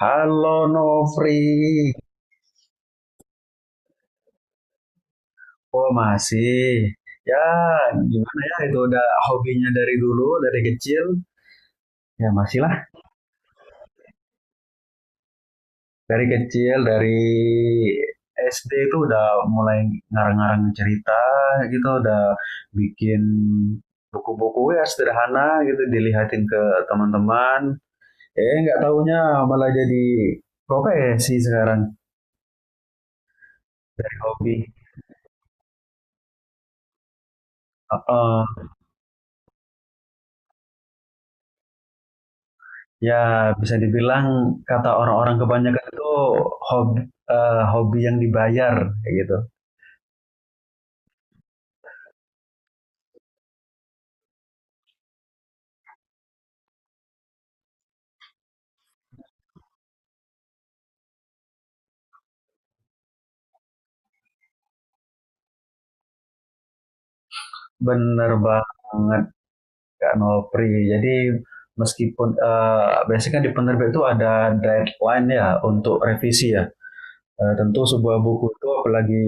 Halo Nofri, oh masih? Ya gimana ya itu udah hobinya dari dulu, dari kecil. Ya masih lah, dari kecil, dari SD itu udah mulai ngarang-ngarang cerita gitu, udah bikin buku-buku ya sederhana gitu, dilihatin ke teman-teman. Eh nggak taunya malah jadi profesi sekarang, hobi. Heeh. Ya, bisa dibilang kata orang-orang kebanyakan itu hobi, hobi yang dibayar, kayak gitu. Bener banget, Kak Nopri. Jadi, meskipun biasanya kan di penerbit itu ada deadline ya untuk revisi ya. Tentu sebuah buku itu apalagi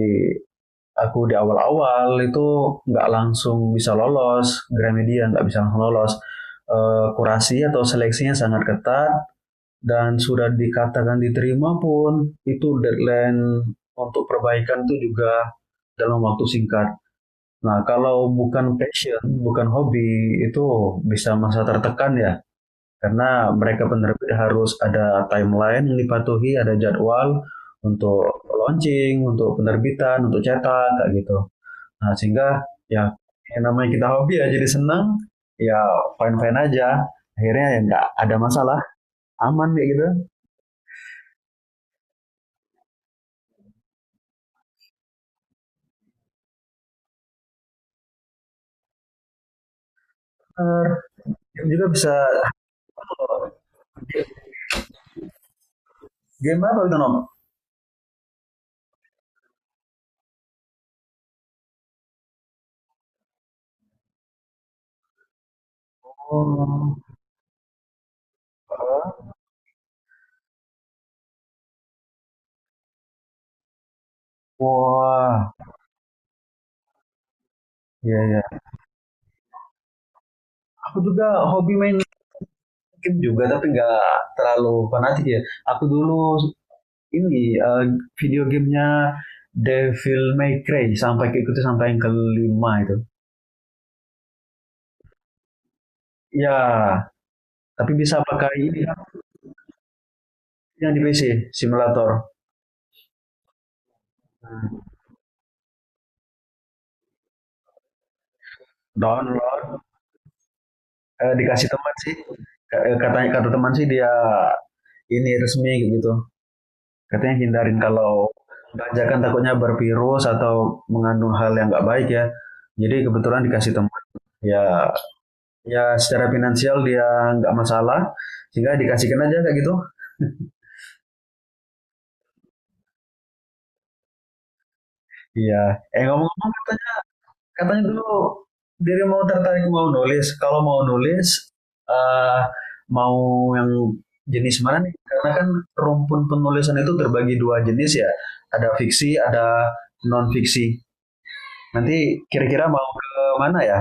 aku di awal-awal itu nggak langsung bisa lolos, Gramedia nggak bisa langsung lolos. Kurasi atau seleksinya sangat ketat, dan sudah dikatakan diterima pun itu deadline untuk perbaikan itu juga dalam waktu singkat. Nah, kalau bukan passion, bukan hobi, itu bisa masa tertekan ya. Karena mereka penerbit harus ada timeline yang dipatuhi, ada jadwal untuk launching, untuk penerbitan, untuk cetak, kayak gitu. Nah, sehingga ya yang namanya kita hobi ya jadi senang, ya fine-fine aja. Akhirnya ya nggak ada masalah, aman kayak gitu. Eh, game juga bisa. Game apa itu nom? Oh. Wah, iya ya. Aku juga hobi main game juga, tapi nggak terlalu fanatik ya. Aku dulu ini video gamenya Devil May Cry sampai ke ikuti sampai yang kelima itu. Ya, tapi bisa pakai ini yang di PC simulator. Download, dikasih teman sih. Katanya kata teman sih dia ini resmi gitu. Katanya hindarin kalau ganja kan takutnya bervirus atau mengandung hal yang nggak baik ya. Jadi kebetulan dikasih teman, ya ya secara finansial dia nggak masalah sehingga dikasihkan aja kayak gitu. Iya. Eh ngomong-ngomong katanya katanya dulu diri mau tertarik mau nulis. Kalau mau nulis eh mau yang jenis mana nih? Karena kan rumpun penulisan itu terbagi dua jenis ya. Ada fiksi, ada non fiksi. Nanti kira-kira mau ke mana ya?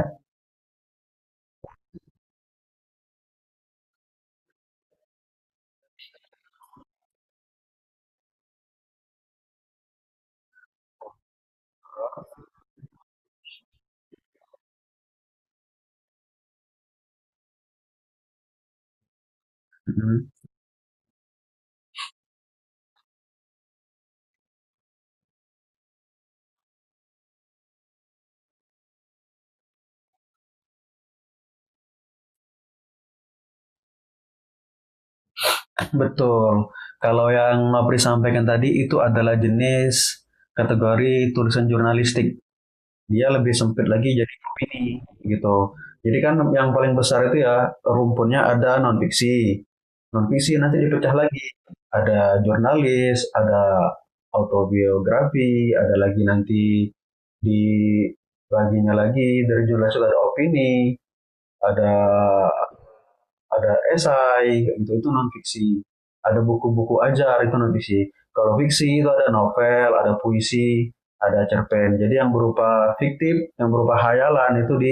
Mhm. Betul. Kalau yang Nopri sampaikan tadi itu adalah jenis kategori tulisan jurnalistik. Dia lebih sempit lagi jadi opini gitu. Jadi kan yang paling besar itu ya rumpunnya ada non fiksi. Non fiksi nanti dipecah lagi. Ada jurnalis, ada autobiografi, ada lagi nanti di baginya lagi dari jurnalis itu ada opini, ada ada esai kayak gitu itu non fiksi, ada buku-buku ajar itu non fiksi. Kalau fiksi itu ada novel, ada puisi, ada cerpen, jadi yang berupa fiktif yang berupa hayalan itu di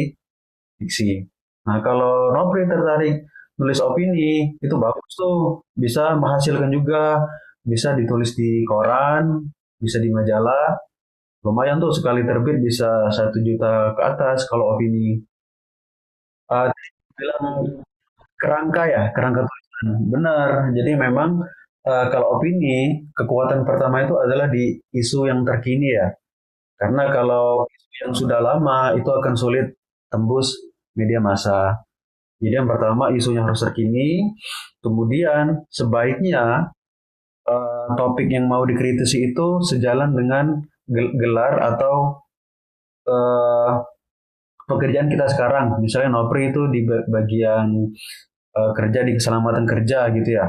fiksi. Nah kalau Nopri tertarik nulis opini itu bagus tuh, bisa menghasilkan juga, bisa ditulis di koran, bisa di majalah, lumayan tuh sekali terbit bisa 1 juta ke atas kalau opini. uh, Bilang kerangka ya, kerangka tulisan. Benar. Jadi memang kalau opini, kekuatan pertama itu adalah di isu yang terkini ya. Karena kalau isu yang sudah lama itu akan sulit tembus media massa. Jadi yang pertama isu yang harus terkini, kemudian sebaiknya topik yang mau dikritisi itu sejalan dengan gelar atau eh, pekerjaan kita sekarang. Misalnya Nopri itu di bagian kerja di keselamatan kerja gitu ya.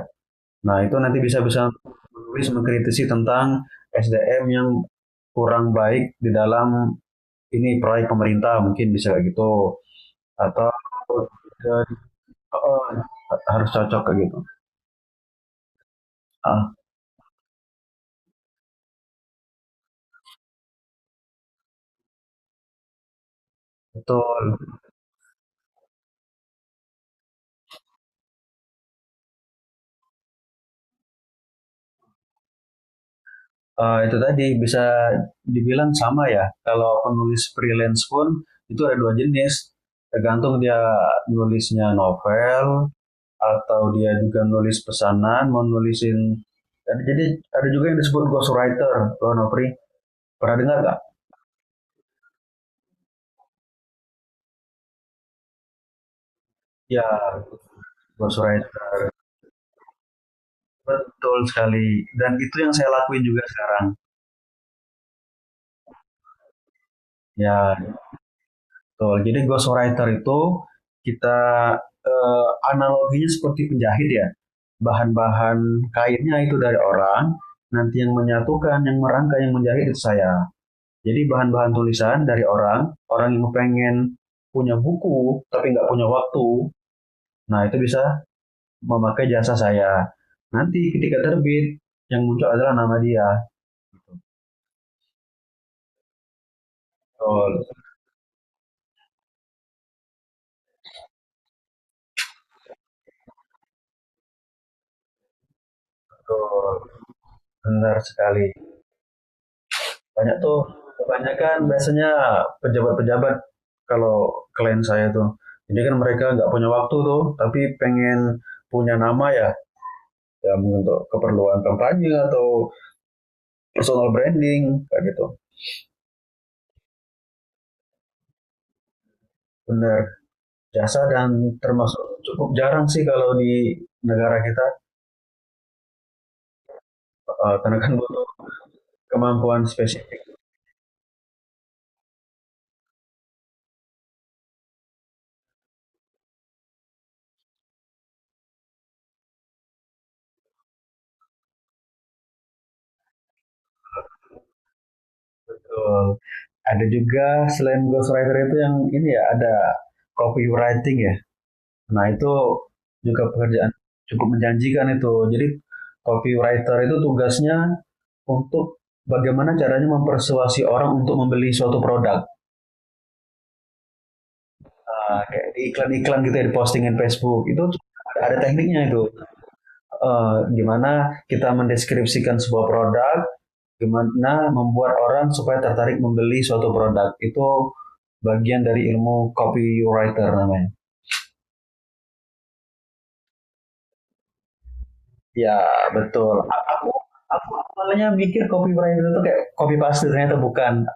Nah, itu nanti bisa-bisa menulis mengkritisi tentang SDM yang kurang baik di dalam ini proyek pemerintah mungkin bisa kayak gitu, atau eh, oh, harus cocok kayak gitu. Ah, betul. Itu tadi bisa dibilang sama ya. Kalau penulis freelance pun itu ada dua jenis. Tergantung dia nulisnya novel atau dia juga nulis pesanan, mau nulisin. Jadi ada juga yang disebut ghostwriter, loh Nopri. Pernah dengar nggak? Ya, ghostwriting betul sekali. Dan itu yang saya lakuin juga sekarang. Ya, betul. Jadi ghostwriter itu kita analoginya seperti penjahit ya. Bahan-bahan kainnya itu dari orang, nanti yang menyatukan, yang merangkai, yang menjahit itu saya. Jadi bahan-bahan tulisan dari orang, orang yang pengen punya buku tapi nggak punya waktu, nah itu bisa memakai jasa saya. Nanti ketika terbit, yang muncul adalah nama dia. Betul. Betul, benar sekali. Banyak tuh, kebanyakan biasanya pejabat-pejabat kalau klien saya tuh. Jadi kan mereka nggak punya waktu tuh, tapi pengen punya nama ya, ya untuk keperluan kampanye atau personal branding, kayak gitu. Benar, jasa dan termasuk cukup jarang sih kalau di negara kita, karena kan butuh kemampuan spesifik. Betul. Ada juga selain ghostwriter itu yang ini ya, ada copywriting ya. Nah, itu juga pekerjaan cukup menjanjikan itu. Jadi, copywriter itu tugasnya untuk bagaimana caranya mempersuasi orang untuk membeli suatu produk. Nah, kayak di iklan-iklan gitu ya, di postingan Facebook. Itu ada, tekniknya itu. Gimana kita mendeskripsikan sebuah produk, gimana membuat orang supaya tertarik membeli suatu produk. Itu bagian dari ilmu copywriter namanya. Ya, betul. Aku awalnya mikir copywriter itu kayak copy paste ternyata bukan.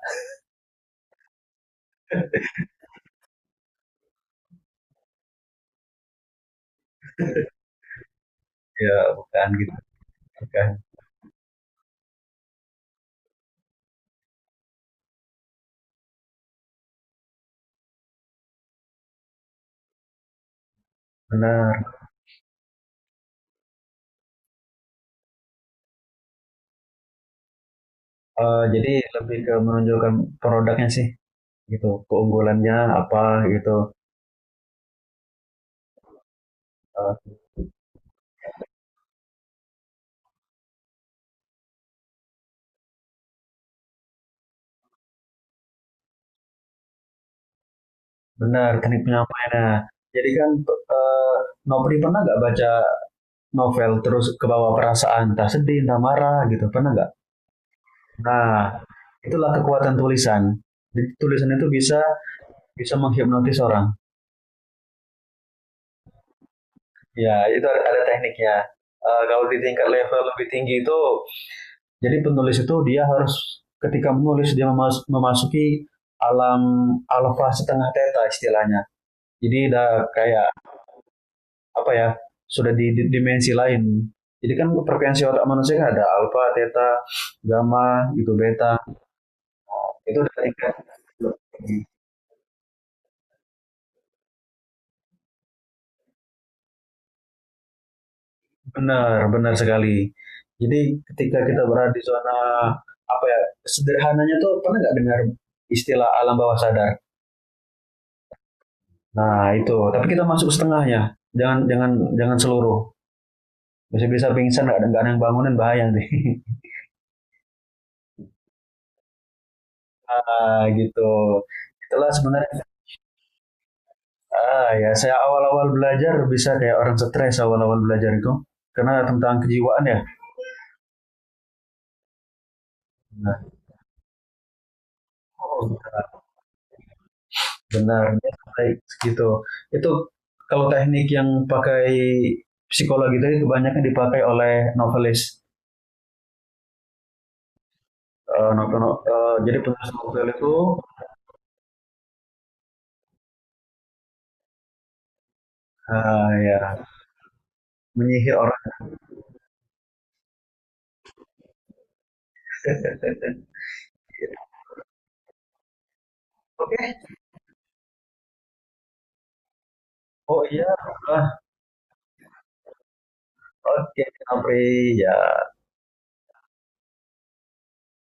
Ya, bukan gitu. Bukan. Benar. Jadi lebih ke menonjolkan produknya sih gitu. Keunggulannya apa gitu. Eh, Benar, teknik penyampaiannya. Jadi kan eh, Nopri pernah nggak baca novel terus kebawa perasaan, entah sedih, entah marah gitu. Pernah nggak? Nah, itulah kekuatan tulisan. Jadi, tulisan itu bisa bisa menghipnotis orang. Ya, itu ada tekniknya. Kalau di tingkat level lebih tinggi itu, jadi penulis itu dia harus ketika menulis dia memasuki alam alfa setengah theta istilahnya. Jadi udah kayak apa ya, sudah di dimensi lain. Jadi kan frekuensi otak manusia kan ada alfa, theta, gamma, gitu beta. Itu udah tingkat. Benar, benar sekali. Jadi ketika kita berada di zona apa ya, sederhananya tuh pernah nggak dengar istilah alam bawah sadar? Nah itu, tapi kita masuk setengahnya, jangan jangan jangan seluruh. Bisa-bisa pingsan, nggak ada yang bangunan, bahaya nih. Ah gitu. Itulah sebenarnya. Ah ya, saya awal-awal belajar bisa kayak orang stres awal-awal belajar itu karena tentang kejiwaan ya. Nah, benar, dia sampai segitu. Itu kalau teknik yang pakai psikologi tadi kebanyakan dipakai oleh novelis. Eh, novel, no- eh, Jadi penulis novel itu ah, ya menyihir orang. Oke, oh iya, ah, oke, Apri, ya.